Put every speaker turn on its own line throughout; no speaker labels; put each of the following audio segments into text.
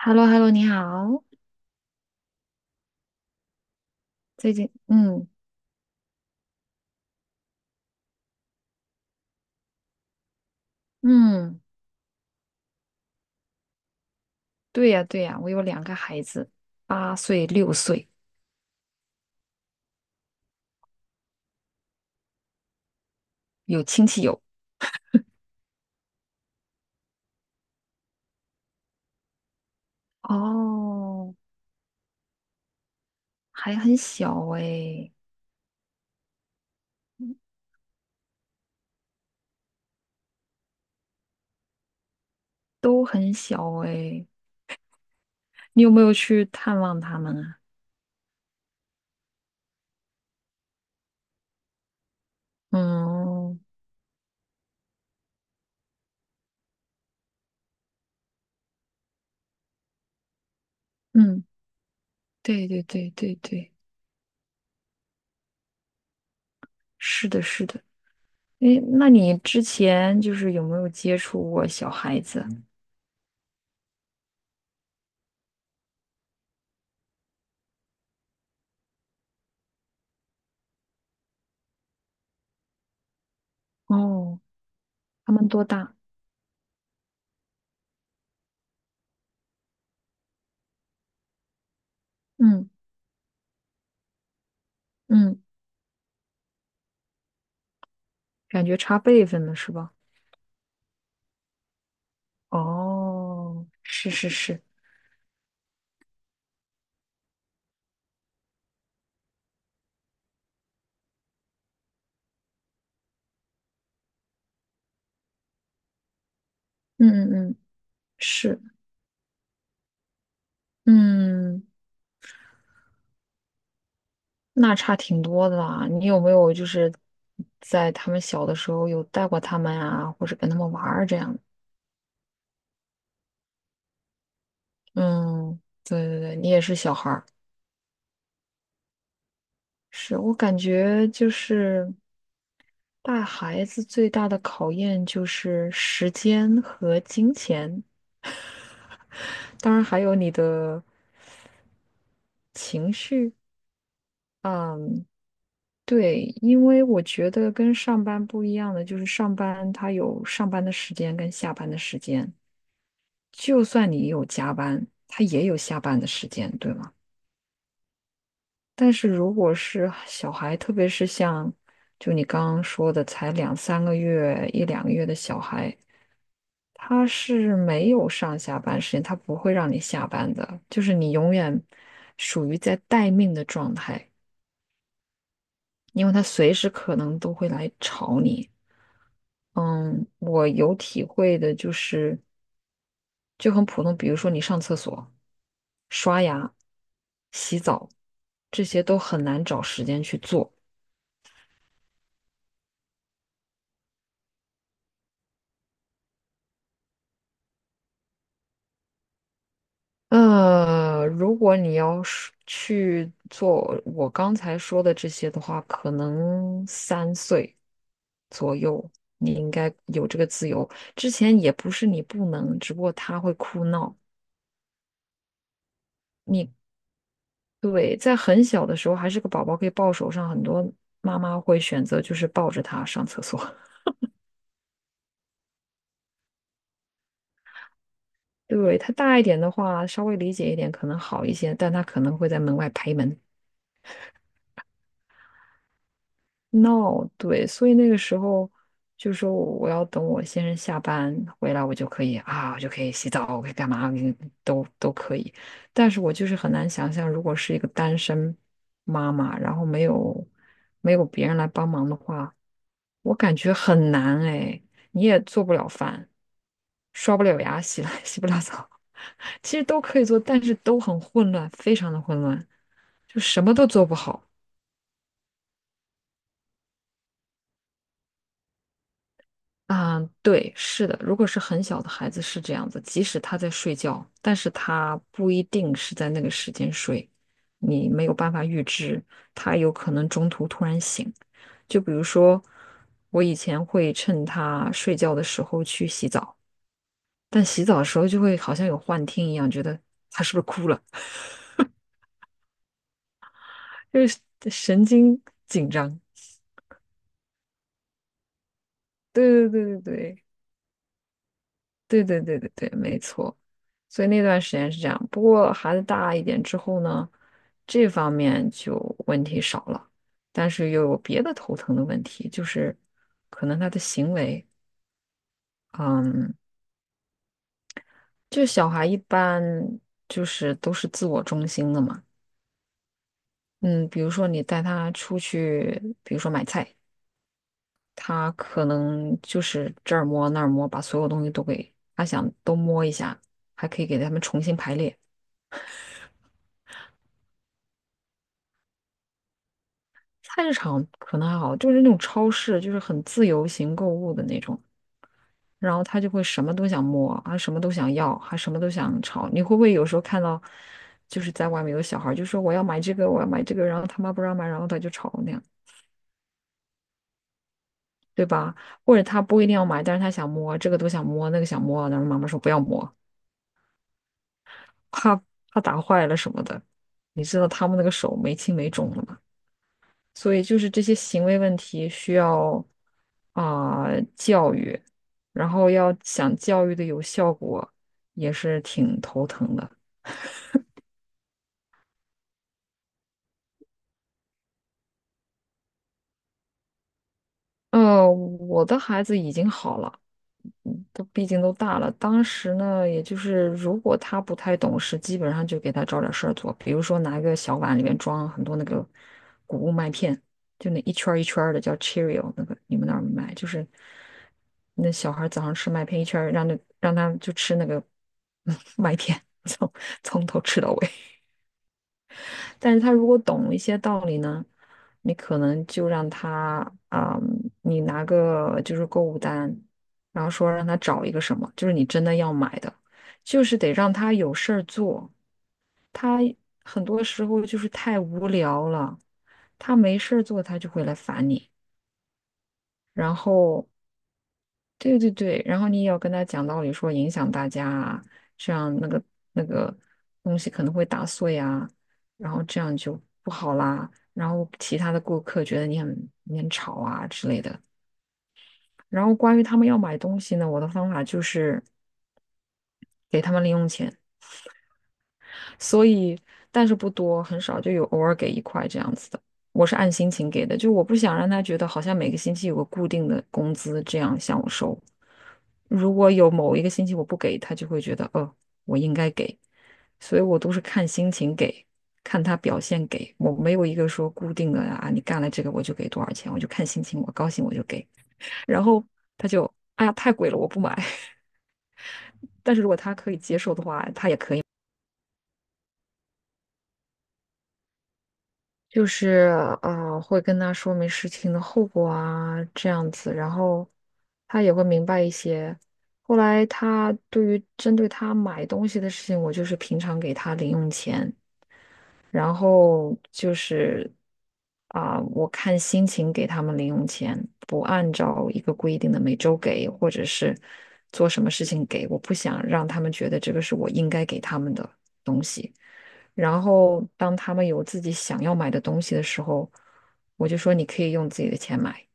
h e l l o h e l l o 你好，最近，嗯嗯，对呀对呀，我有两个孩子，8岁6岁，有亲戚有，哦，还很小哎，都很小哎。你有没有去探望他们啊？嗯嗯，对对对对对，是的，是的，诶，那你之前就是有没有接触过小孩子？哦，他们多大？嗯嗯，感觉差辈分了是吧？哦，是是是，嗯嗯嗯，是，嗯，那差挺多的啦。你有没有就是在他们小的时候有带过他们啊，或者跟他们玩儿这样。嗯，对对对，你也是小孩儿，是我感觉就是带孩子最大的考验就是时间和金钱，当然还有你的情绪。嗯，对，因为我觉得跟上班不一样的就是上班他有上班的时间跟下班的时间，就算你有加班，他也有下班的时间，对吗？但是如果是小孩，特别是像就你刚刚说的才两三个月、一两个月的小孩，他是没有上下班时间，他不会让你下班的，就是你永远属于在待命的状态，因为他随时可能都会来吵你。嗯，我有体会的就是，就很普通，比如说你上厕所、刷牙、洗澡，这些都很难找时间去做。如果你要是去做我刚才说的这些的话，可能3岁左右，你应该有这个自由。之前也不是你不能，只不过他会哭闹。你。对，在很小的时候还是个宝宝可以抱手上，很多妈妈会选择就是抱着他上厕所。对，他大一点的话，稍微理解一点可能好一些，但他可能会在门外拍门。No，对，所以那个时候就说我要等我先生下班回来，我就可以啊，我就可以洗澡，我可以干嘛，我可以都可以。但是我就是很难想象，如果是一个单身妈妈，然后没有别人来帮忙的话，我感觉很难哎，你也做不了饭，刷不了牙，洗 了洗不了澡，其实都可以做，但是都很混乱，非常的混乱，就什么都做不好。啊，对，是的，如果是很小的孩子是这样子，即使他在睡觉，但是他不一定是在那个时间睡，你没有办法预知，他有可能中途突然醒。就比如说，我以前会趁他睡觉的时候去洗澡，但洗澡的时候就会好像有幻听一样，觉得他是不是哭了，就是神经紧张。对对对对对。对对对对对，没错。所以那段时间是这样，不过孩子大一点之后呢，这方面就问题少了，但是又有别的头疼的问题，就是可能他的行为，嗯，就小孩一般就是都是自我中心的嘛，嗯，比如说你带他出去，比如说买菜，他可能就是这儿摸那儿摸，把所有东西都给他想都摸一下，还可以给他们重新排列。菜市场可能还好，就是那种超市，就是很自由行购物的那种，然后他就会什么都想摸，啊，什么都想要，还什么都想吵。你会不会有时候看到，就是在外面有小孩儿就说我要买这个，我要买这个，然后他妈不让买，然后他就吵那样，对吧？或者他不一定要买，但是他想摸，这个都想摸，那个想摸，然后妈妈说不要摸，怕怕打坏了什么的。你知道他们那个手没轻没重的，所以就是这些行为问题需要啊、教育，然后要想教育的有效果，也是挺头疼的。我的孩子已经好了。嗯都毕竟都大了，当时呢，也就是如果他不太懂事，基本上就给他找点事儿做，比如说拿一个小碗里面装很多那个谷物麦片，就那一圈儿一圈儿的叫 Cheerio，那个你们那儿买？就是那小孩早上吃麦片一圈儿，让他就吃那个 麦片，从头吃到尾。但是他如果懂一些道理呢，你可能就让他啊、你拿个就是购物单，然后说让他找一个什么，就是你真的要买的，就是得让他有事儿做。他很多时候就是太无聊了，他没事儿做，他就会来烦你。然后对对对，然后你也要跟他讲道理，说影响大家啊，这样那个东西可能会打碎啊，然后这样就不好啦。然后其他的顾客觉得你很吵啊之类的。然后关于他们要买东西呢，我的方法就是给他们零用钱，所以但是不多，很少，就有偶尔给一块这样子的。我是按心情给的，就我不想让他觉得好像每个星期有个固定的工资这样向我收。如果有某一个星期我不给，他就会觉得，哦，我应该给，所以我都是看心情给，看他表现给，我没有一个说固定的啊，你干了这个我就给多少钱，我就看心情，我高兴我就给，然后他就，哎呀，太贵了，我不买，就是会跟他说明事情的后果啊，这样子，然后他也会明白一些。后来他对于针对他买东西的事情，我就是平常给他零用钱。然后就是啊、我看心情给他们零用钱，不按照一个规定的每周给，或者是做什么事情给，我不想让他们觉得这个是我应该给他们的东西。然后当他们有自己想要买的东西的时候，我就说你可以用自己的钱买。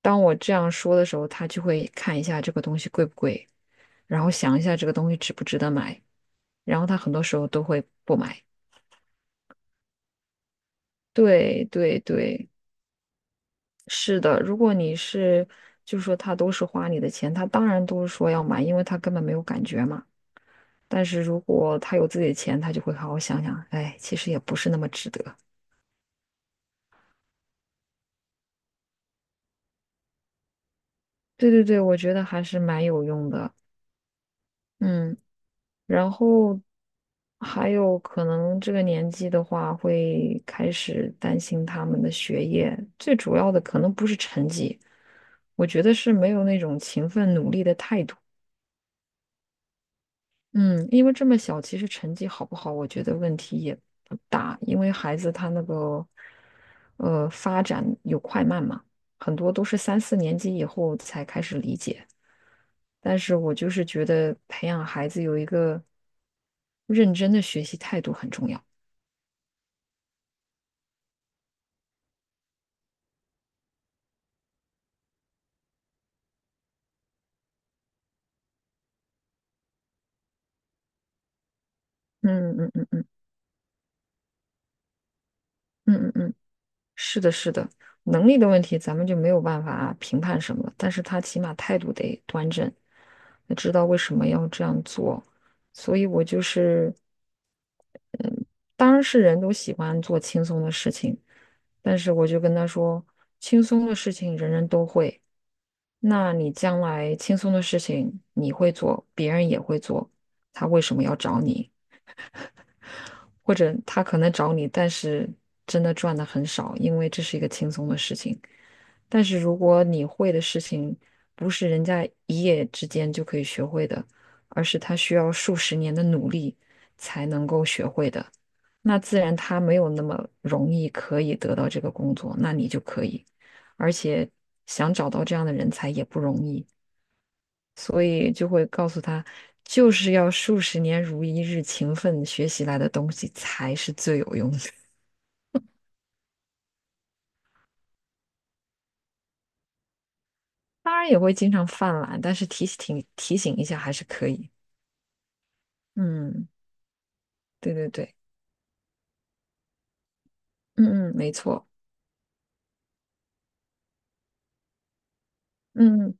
当我这样说的时候，他就会看一下这个东西贵不贵，然后想一下这个东西值不值得买，然后他很多时候都会不买。对对对，是的。如果你是，就是说他都是花你的钱，他当然都是说要买，因为他根本没有感觉嘛。但是如果他有自己的钱，他就会好好想想，哎，其实也不是那么值得。对对对，我觉得还是蛮有用的。嗯，然后还有可能这个年纪的话，会开始担心他们的学业，最主要的可能不是成绩，我觉得是没有那种勤奋努力的态度。嗯，因为这么小，其实成绩好不好，我觉得问题也不大，因为孩子他那个发展有快慢嘛，很多都是三四年级以后才开始理解。但是我就是觉得培养孩子有一个认真的学习态度很重要。嗯嗯嗯嗯嗯嗯嗯。嗯，是的，是的，能力的问题咱们就没有办法评判什么，但是他起码态度得端正，得知道为什么要这样做。所以我就是，当然是人都喜欢做轻松的事情，但是我就跟他说，轻松的事情人人都会，那你将来轻松的事情你会做，别人也会做，他为什么要找你？或者他可能找你，但是真的赚的很少，因为这是一个轻松的事情。但是如果你会的事情不是人家一夜之间就可以学会的，而是他需要数十年的努力才能够学会的，那自然他没有那么容易可以得到这个工作，那你就可以，而且想找到这样的人才也不容易。所以就会告诉他，就是要数十年如一日勤奋学习来的东西才是最有用的。当然也会经常犯懒，但是提醒提醒一下还是可以。嗯，对对对，嗯嗯，没错，嗯，嗯，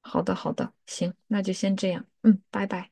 好的好的，行，那就先这样，嗯，拜拜。